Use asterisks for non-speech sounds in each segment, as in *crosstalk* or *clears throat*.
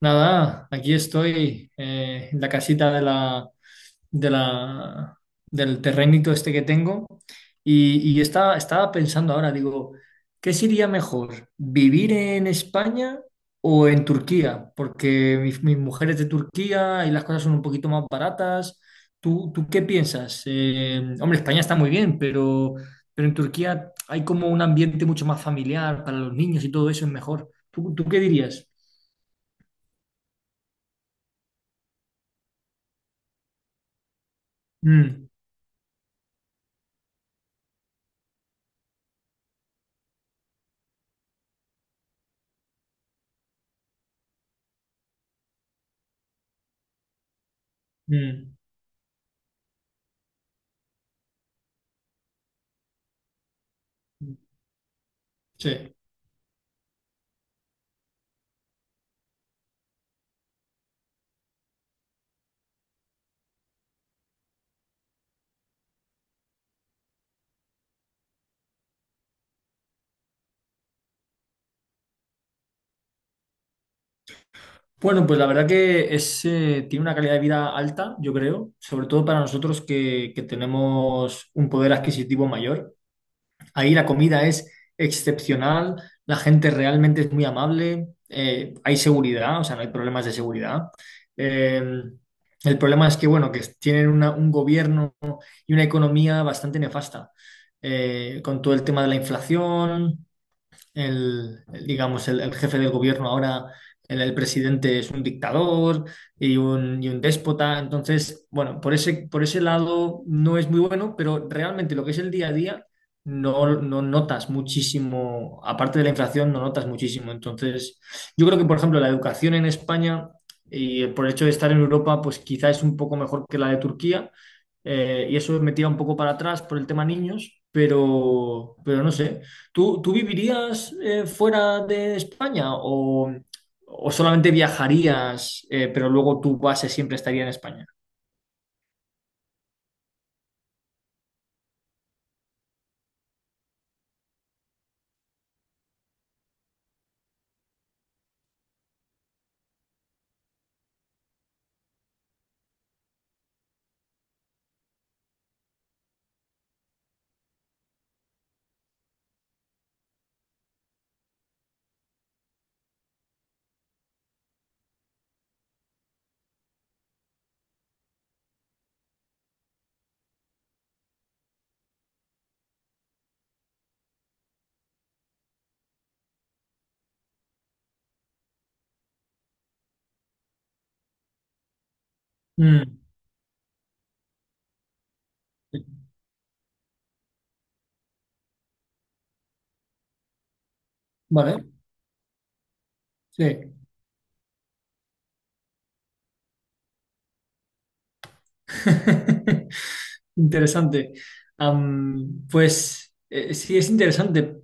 Nada, aquí estoy en la casita de la, del terrenito este que tengo y estaba pensando ahora, digo, ¿qué sería mejor, vivir en España o en Turquía? Porque mi mujer es de Turquía y las cosas son un poquito más baratas. ¿Tú qué piensas? Hombre, España está muy bien, pero en Turquía hay como un ambiente mucho más familiar para los niños y todo eso es mejor. ¿Tú qué dirías? Mm, mm. Sí. Bueno, pues la verdad que es, tiene una calidad de vida alta, yo creo, sobre todo para nosotros que tenemos un poder adquisitivo mayor. Ahí la comida es excepcional, la gente realmente es muy amable, hay seguridad, o sea, no hay problemas de seguridad. Eh, el problema es que, bueno, que tienen un gobierno y una economía bastante nefasta, con todo el tema de la inflación. Digamos, el jefe del gobierno ahora, el presidente es un dictador y un déspota. Entonces, bueno, por ese lado no es muy bueno, pero realmente lo que es el día a día no notas muchísimo, aparte de la inflación, no notas muchísimo. Entonces, yo creo que, por ejemplo, la educación en España y por el hecho de estar en Europa, pues quizá es un poco mejor que la de Turquía. Y eso me tira un poco para atrás por el tema niños, pero no sé. ¿Tú vivirías fuera de España o solamente viajarías, pero luego tu base siempre estaría en España? Mm, Vale, sí. *laughs* Interesante. Am, pues Sí, es interesante.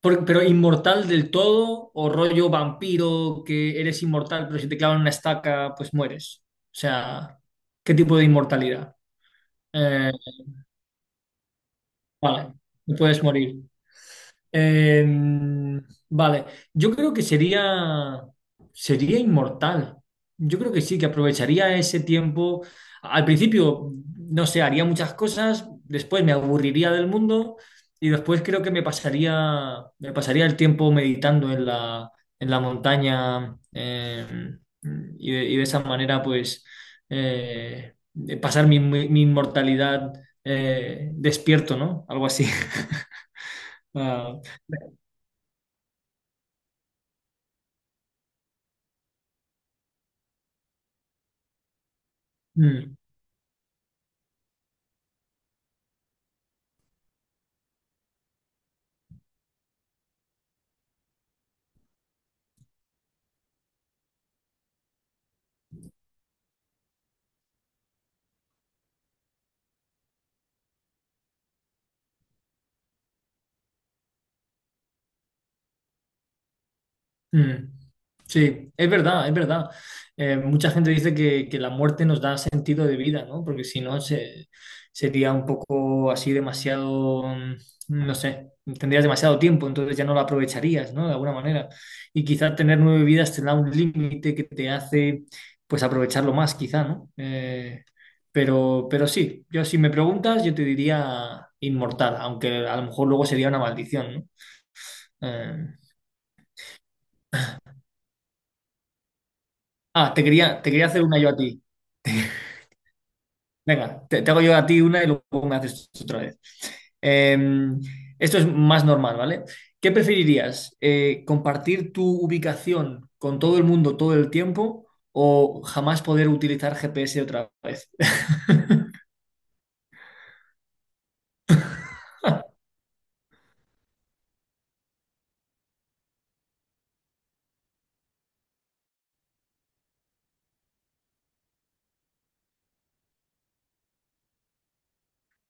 Pero inmortal del todo o rollo vampiro que eres inmortal, pero si te clavan una estaca, pues mueres. O sea, ¿qué tipo de inmortalidad? Eh, vale, no puedes morir. Em, vale, yo creo sería inmortal. Yo creo que sí, que aprovecharía ese tiempo. Al principio, no sé, haría muchas cosas, después me aburriría del mundo y después creo que me pasaría el tiempo meditando en la montaña y, y de esa manera, pues, eh, pasar mi inmortalidad despierto, ¿no? Algo así. *laughs* Ah, Mm, mm. Sí, es verdad, es verdad. Mucha gente dice que la muerte nos da sentido de vida, ¿no? Porque si no, sería un poco así demasiado, no sé, tendrías demasiado tiempo, entonces ya no lo aprovecharías, ¿no? De alguna manera. Y quizá tener nueve vidas te da un límite que te hace, pues, aprovecharlo más, quizá, ¿no? Pero sí, yo si me preguntas, yo te diría inmortal, aunque a lo mejor luego sería una maldición, ¿no? Eh, Ah, te quería hacer una yo a ti. *laughs* Venga, te hago yo a ti una y luego me haces tú otra vez. Eh, Esto es más normal, ¿vale? ¿Qué preferirías? ¿Compartir tu ubicación con todo el mundo todo el tiempo o jamás poder utilizar GPS otra vez? *laughs*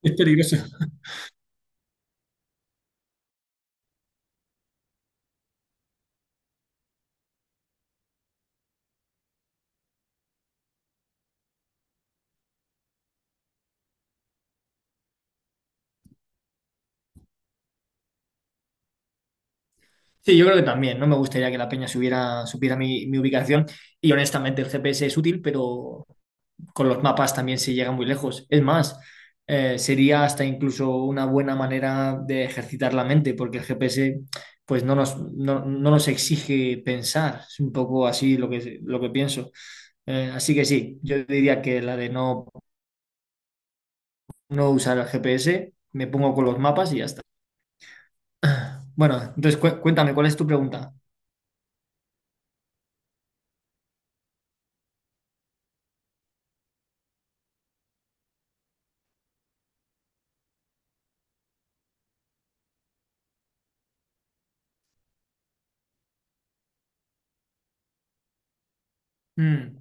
Es peligroso. Sí, yo creo que también. No me gustaría que la peña supiera mi ubicación. Y honestamente, el GPS es útil, pero con los mapas también se llega muy lejos. Es más, sería hasta incluso una buena manera de ejercitar la mente, porque el GPS pues no nos exige pensar. Es un poco así lo que pienso. Así que sí, yo diría que la de no usar el GPS, me pongo con los mapas y ya está. *clears throat* Bueno, entonces cuéntame, ¿cuál es tu pregunta? Mm,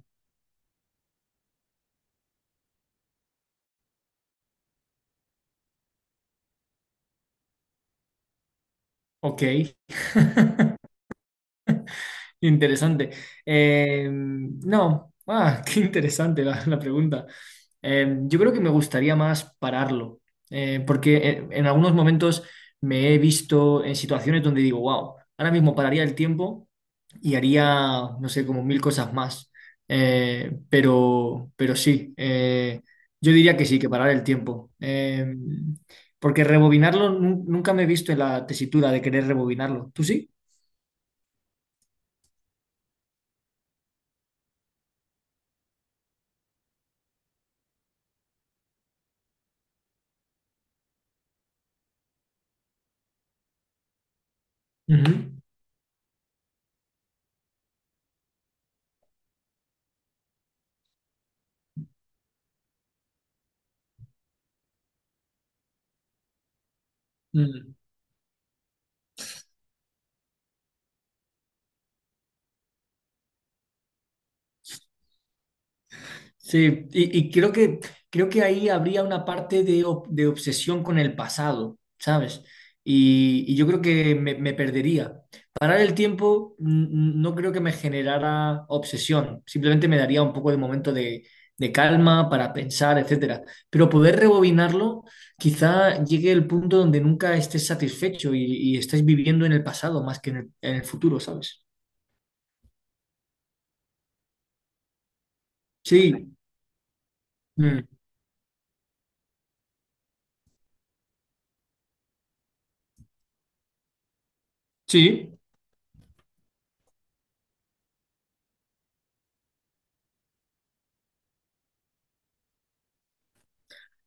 ok. Interesante. No, ah, *laughs* Qué interesante la pregunta. Yo creo que me gustaría más pararlo, porque en algunos momentos me he visto en situaciones donde digo, wow, ahora mismo pararía el tiempo y haría, no sé, como mil cosas más. Pero sí, yo diría que sí, que parar el tiempo. Porque rebobinarlo, nunca me he visto en la tesitura de querer rebobinarlo. ¿Tú sí? Ujú. Mm. Sí, y creo creo que ahí habría una parte de, de obsesión con el pasado, ¿sabes? Y yo creo que me perdería. Parar el tiempo no creo que me generara obsesión, simplemente me daría un poco de momento de calma para pensar, etcétera. Pero poder rebobinarlo, quizá llegue el punto donde nunca estés satisfecho y estés viviendo en el pasado más que en en el futuro, ¿sabes? Sí, mm, sí.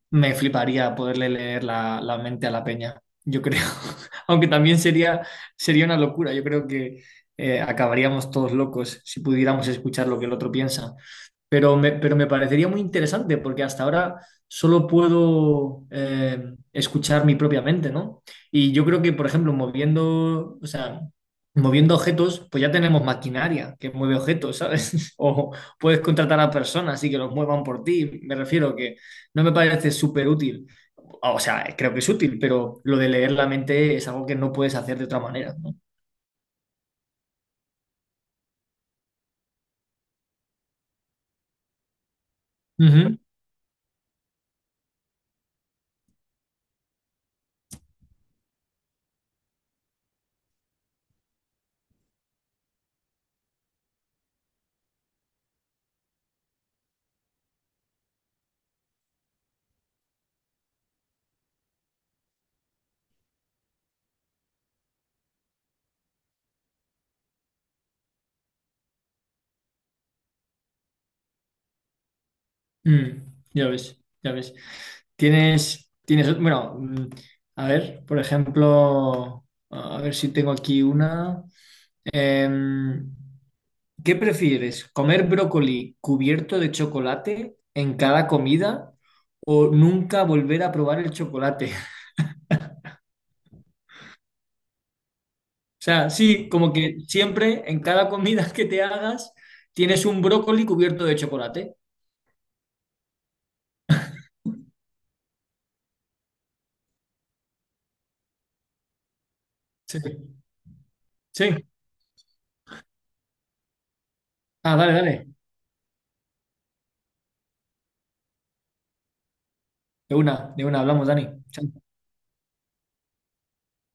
Me fliparía poderle leer la mente a la peña, yo creo. *laughs* Aunque también sería una locura. Yo creo que acabaríamos todos locos si pudiéramos escuchar lo que el otro piensa. Pero me parecería muy interesante porque hasta ahora solo puedo escuchar mi propia mente, ¿no? Y yo creo que, por ejemplo, o sea, moviendo objetos, pues ya tenemos maquinaria que mueve objetos, ¿sabes? *laughs* O puedes contratar a personas y que los muevan por ti. Me refiero que no me parece súper útil. O sea, creo que es útil, pero lo de leer la mente es algo que no puedes hacer de otra manera, ¿no? Ujú. Mm, ya ves, ya ves. Tienes, tienes, bueno, mm, a ver, por ejemplo, a ver si tengo aquí una. Em, ¿Qué prefieres? ¿Comer brócoli cubierto de chocolate en cada comida o nunca volver a probar el chocolate? O sea, sí, como que siempre en cada comida que te hagas tienes un brócoli cubierto de chocolate. Sí, sí. Ah, dale, dale. De una, hablamos, Dani. Chao.